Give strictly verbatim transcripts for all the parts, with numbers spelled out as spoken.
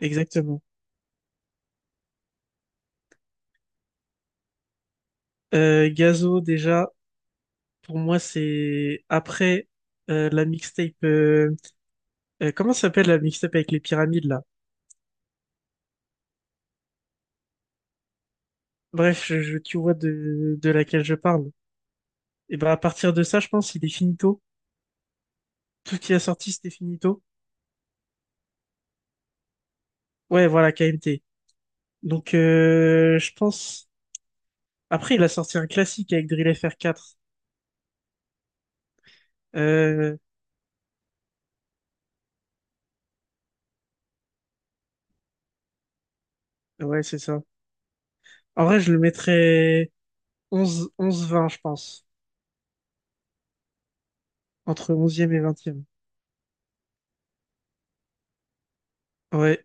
Exactement. Euh, Gazo, déjà, pour moi, c'est après euh, la mixtape. Euh, euh, comment ça s'appelle la mixtape avec les pyramides là? Bref, je, je- tu vois de, de laquelle je parle. Et ben à partir de ça, je pense, il est finito. Tout ce qu'il a sorti, c'était finito. Ouais, voilà, K M T. Donc, euh, je pense. Après, il a sorti un classique avec Drill F R quatre. Euh, ouais, c'est ça. En vrai, je le mettrais onze onze vingt, je pense. Entre onzième et vingtième. Ouais.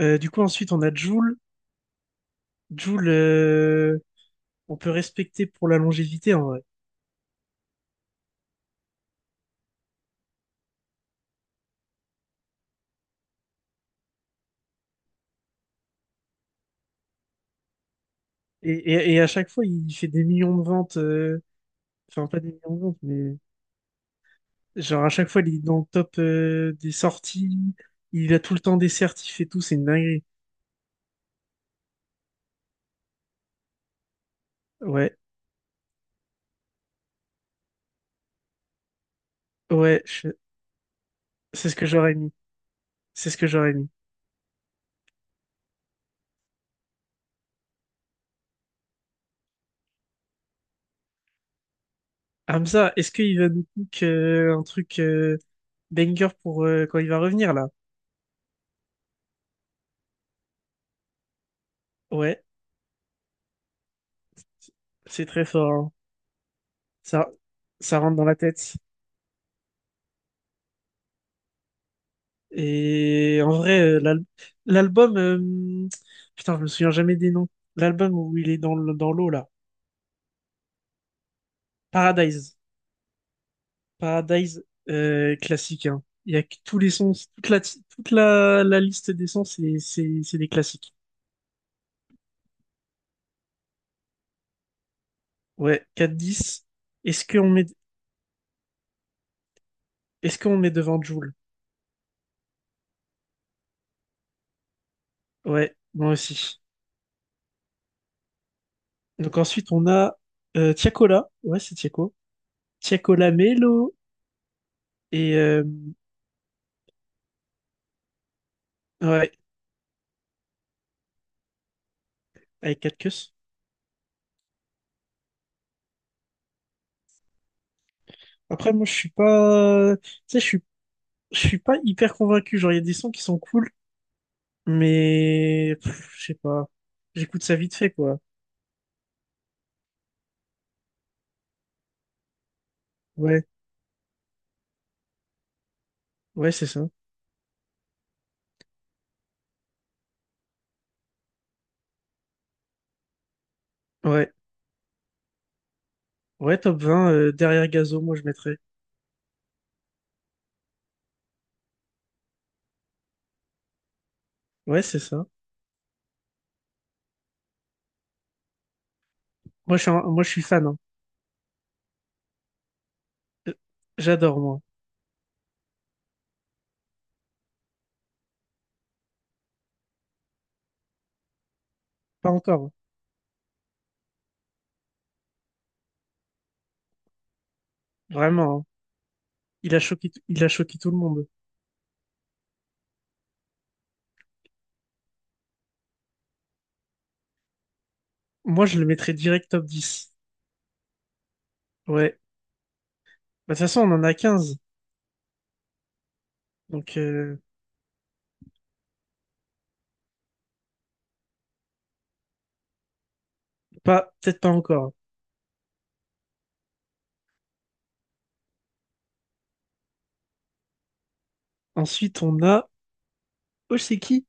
Euh, du coup, ensuite, on a Joule. Joule, euh, on peut respecter pour la longévité, en vrai. Et, et, et à chaque fois, il fait des millions de ventes. euh, Enfin, pas des millions de ventes, mais... Genre, à chaque fois, il est dans le top euh, des sorties. Il a tout le temps des certifs et tout. C'est une dinguerie. Ouais, ouais, je- c'est ce que j'aurais mis. C'est ce que j'aurais mis. Hamza, est-ce qu'il va nous cook euh, un truc euh, banger pour euh, quand il va revenir, là? Ouais, c'est très fort, hein. Ça, Ça rentre dans la tête. Et en vrai, euh, l'al- l'album, euh, putain, je me souviens jamais des noms. L'album où il est dans le- dans l'eau là, Paradise. Paradise, euh, classique, hein. Il y a que tous les sons, toute la toute la, la liste des sons, c'est c'est c'est des classiques. Ouais, quatre à dix. Est-ce qu'on met Est-ce qu'on met devant Jul? Ouais, moi aussi. Donc ensuite on a euh, Tiakola, ouais c'est Tiako, Tiakola Melo, et euh, ouais, avec quatre queues. Après, moi je suis pas, tu sais, je suis je suis pas hyper convaincu. Genre, il y a des sons qui sont cool, mais pff, je sais pas. J'écoute ça vite fait, quoi. Ouais, ouais, c'est ça. Ouais, ouais, top vingt, euh, derrière Gazo, moi je mettrais. Ouais, c'est ça. Moi, je suis, un- moi, je suis fan, hein. Euh, J'adore, moi. Pas encore, hein. Vraiment, hein. Il a choqué, t- il a choqué tout le monde. Moi, je le mettrais direct top dix. Ouais. Bah, de toute façon, on en a quinze. Donc, euh, pas, peut-être pas encore. Ensuite, on a. Oh, c'est qui?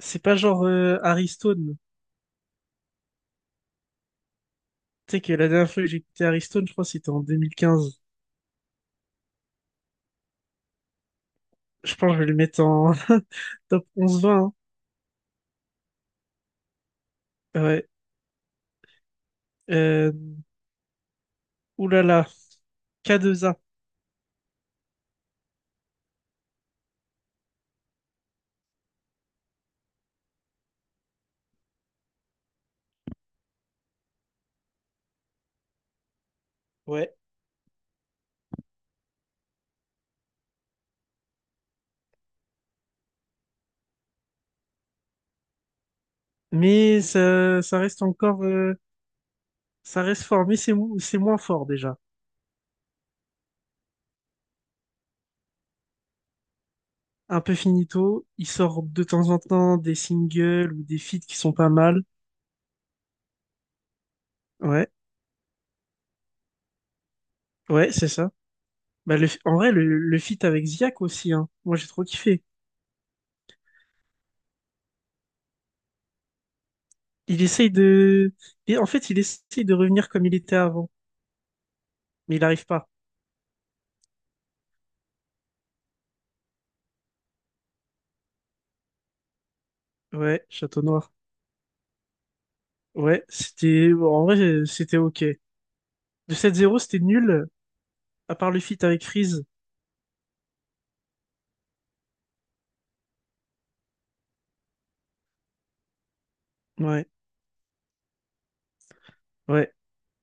C'est pas genre euh, Harry Stone. Tu sais que la dernière fois que j'ai écouté Aristone, je crois que c'était en deux mille quinze. Je pense que je vais le mettre en top onze vingt, hein. Ouais. Euh... Ouh là là. K deux A. Ouais. Mais ça, ça reste encore... euh, Ça reste fort, mais c'est mou- c'est moins fort déjà. Un peu finito. Il sort de temps en temps des singles ou des feats qui sont pas mal. Ouais. Ouais, c'est ça. Bah, le... en vrai, le, le feat avec Ziak aussi. Hein. Moi, j'ai trop kiffé. Il essaye de... Et en fait, il essaye de revenir comme il était avant. Mais il arrive pas. Ouais, Château Noir. Ouais, c'était... Bon, en vrai, euh, c'était ok. De sept zéro, c'était nul, à part le feat avec Freeze. Ouais, ouais.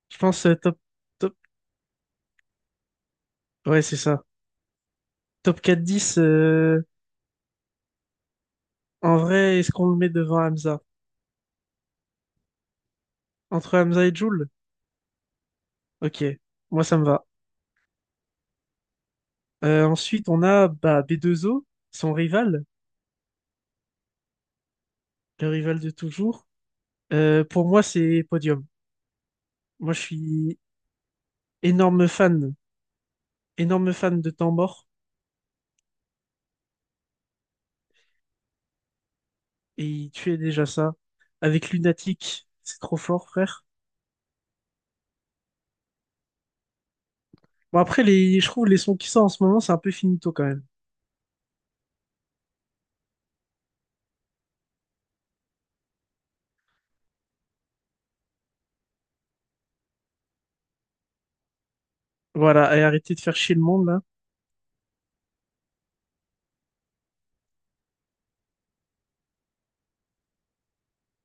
Je pense, euh, top... top... Ouais, c'est ça. Top quatre à dix, euh, en vrai, est-ce qu'on le met devant Hamza? Entre Hamza et Jul? Ok, moi ça me va. Euh, ensuite, on a bah, B deux O, son rival, le rival de toujours. Euh, pour moi, c'est podium. Moi, je suis énorme fan, énorme fan de Temps Mort. Et il tuait déjà ça. Avec Lunatic, c'est trop fort, frère. Bon, après, les, je trouve les sons qui sortent en ce moment, c'est un peu finito quand même. Voilà, et arrêtez de faire chier le monde, là.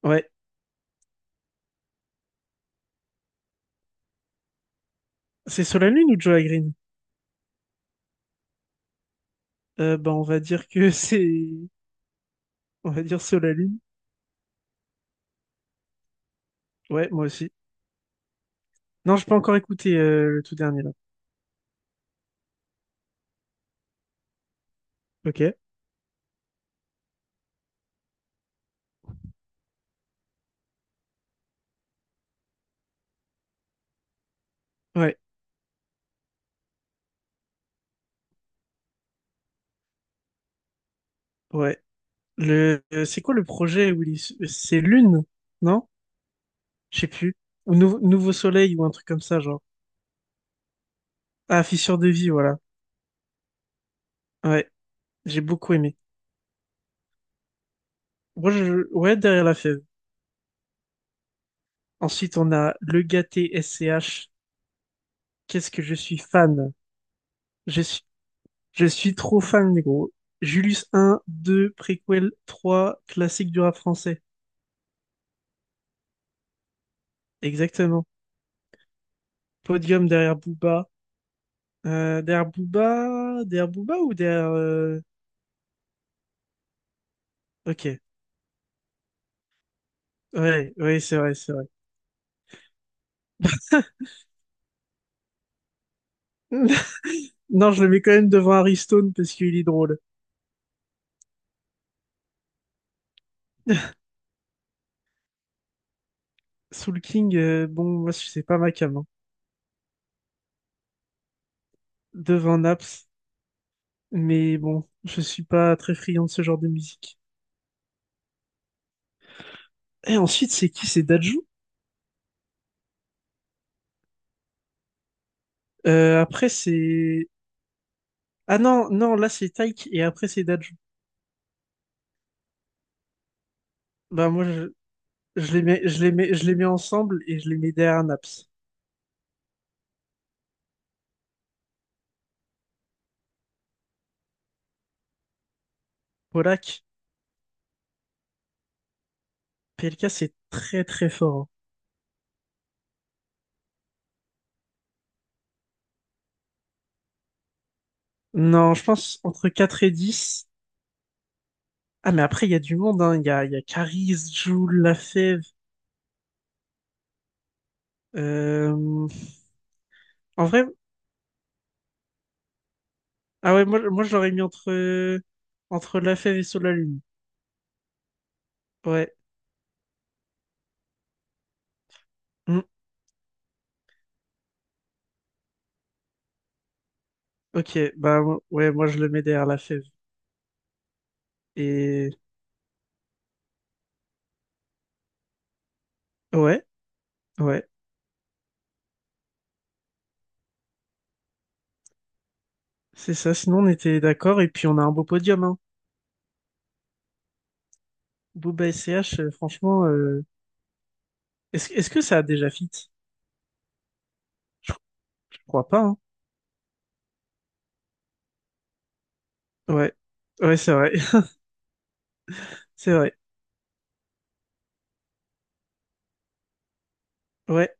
Ouais. C'est Solalune Lune ou Joe Green? Euh, bah, on va dire que c'est. On va dire Solalune. Lune. Ouais, moi aussi. Non, j'ai pas encore écouté euh, le tout dernier, là. Ok. Ouais, ouais. Le... euh, C'est quoi le projet où il... C'est Lune, non? Je sais plus. Ou Nou- Nouveau Soleil ou un truc comme ça, genre. Ah, Fissure de vie, voilà. Ouais, j'ai beaucoup aimé. Moi, je... ouais, derrière la fève. Ensuite, on a le gâté S C H. Qu'est-ce que je suis fan. Je suis, je suis trop fan, gros. Julius un deux préquel trois, classique du rap français. Exactement. Podium derrière Booba. Euh, derrière Booba, derrière Booba ou derrière... euh, Ok. Ouais, ouais, c'est vrai, c'est vrai. Non, je le mets quand même devant Harry Stone parce qu'il est drôle. Soul King, euh, bon, moi, c'est pas ma cam, hein. Devant Naps. Mais bon, je suis pas très friand de ce genre de musique. Et ensuite, c'est qui? C'est Dadju? Euh, après, c'est... Ah non, non, là, c'est Taïk, et après, c'est Dadju. Bah, moi, je, je les mets, je les mets, je les mets ensemble, et je les mets derrière Naps. Polak, P L K, c'est très, très fort, hein. Non, je pense entre quatre et dix. Ah, mais après, il y a du monde, hein. Il y a, il y a Caris, Jul, Lafèvre. Euh... En vrai, ah ouais, moi, moi, je l'aurais mis entre, entre Lafèvre et Solalune. Ouais. Ok, bah mo- ouais, moi je le mets derrière la fève. Et ouais, ouais, c'est ça. Sinon, on était d'accord et puis on a un beau podium, hein. Booba et C H, euh, franchement, euh, est-ce, est-ce que ça a déjà fit? Je, je crois pas, hein. Ouais, ouais, c'est vrai, c'est vrai. Ouais.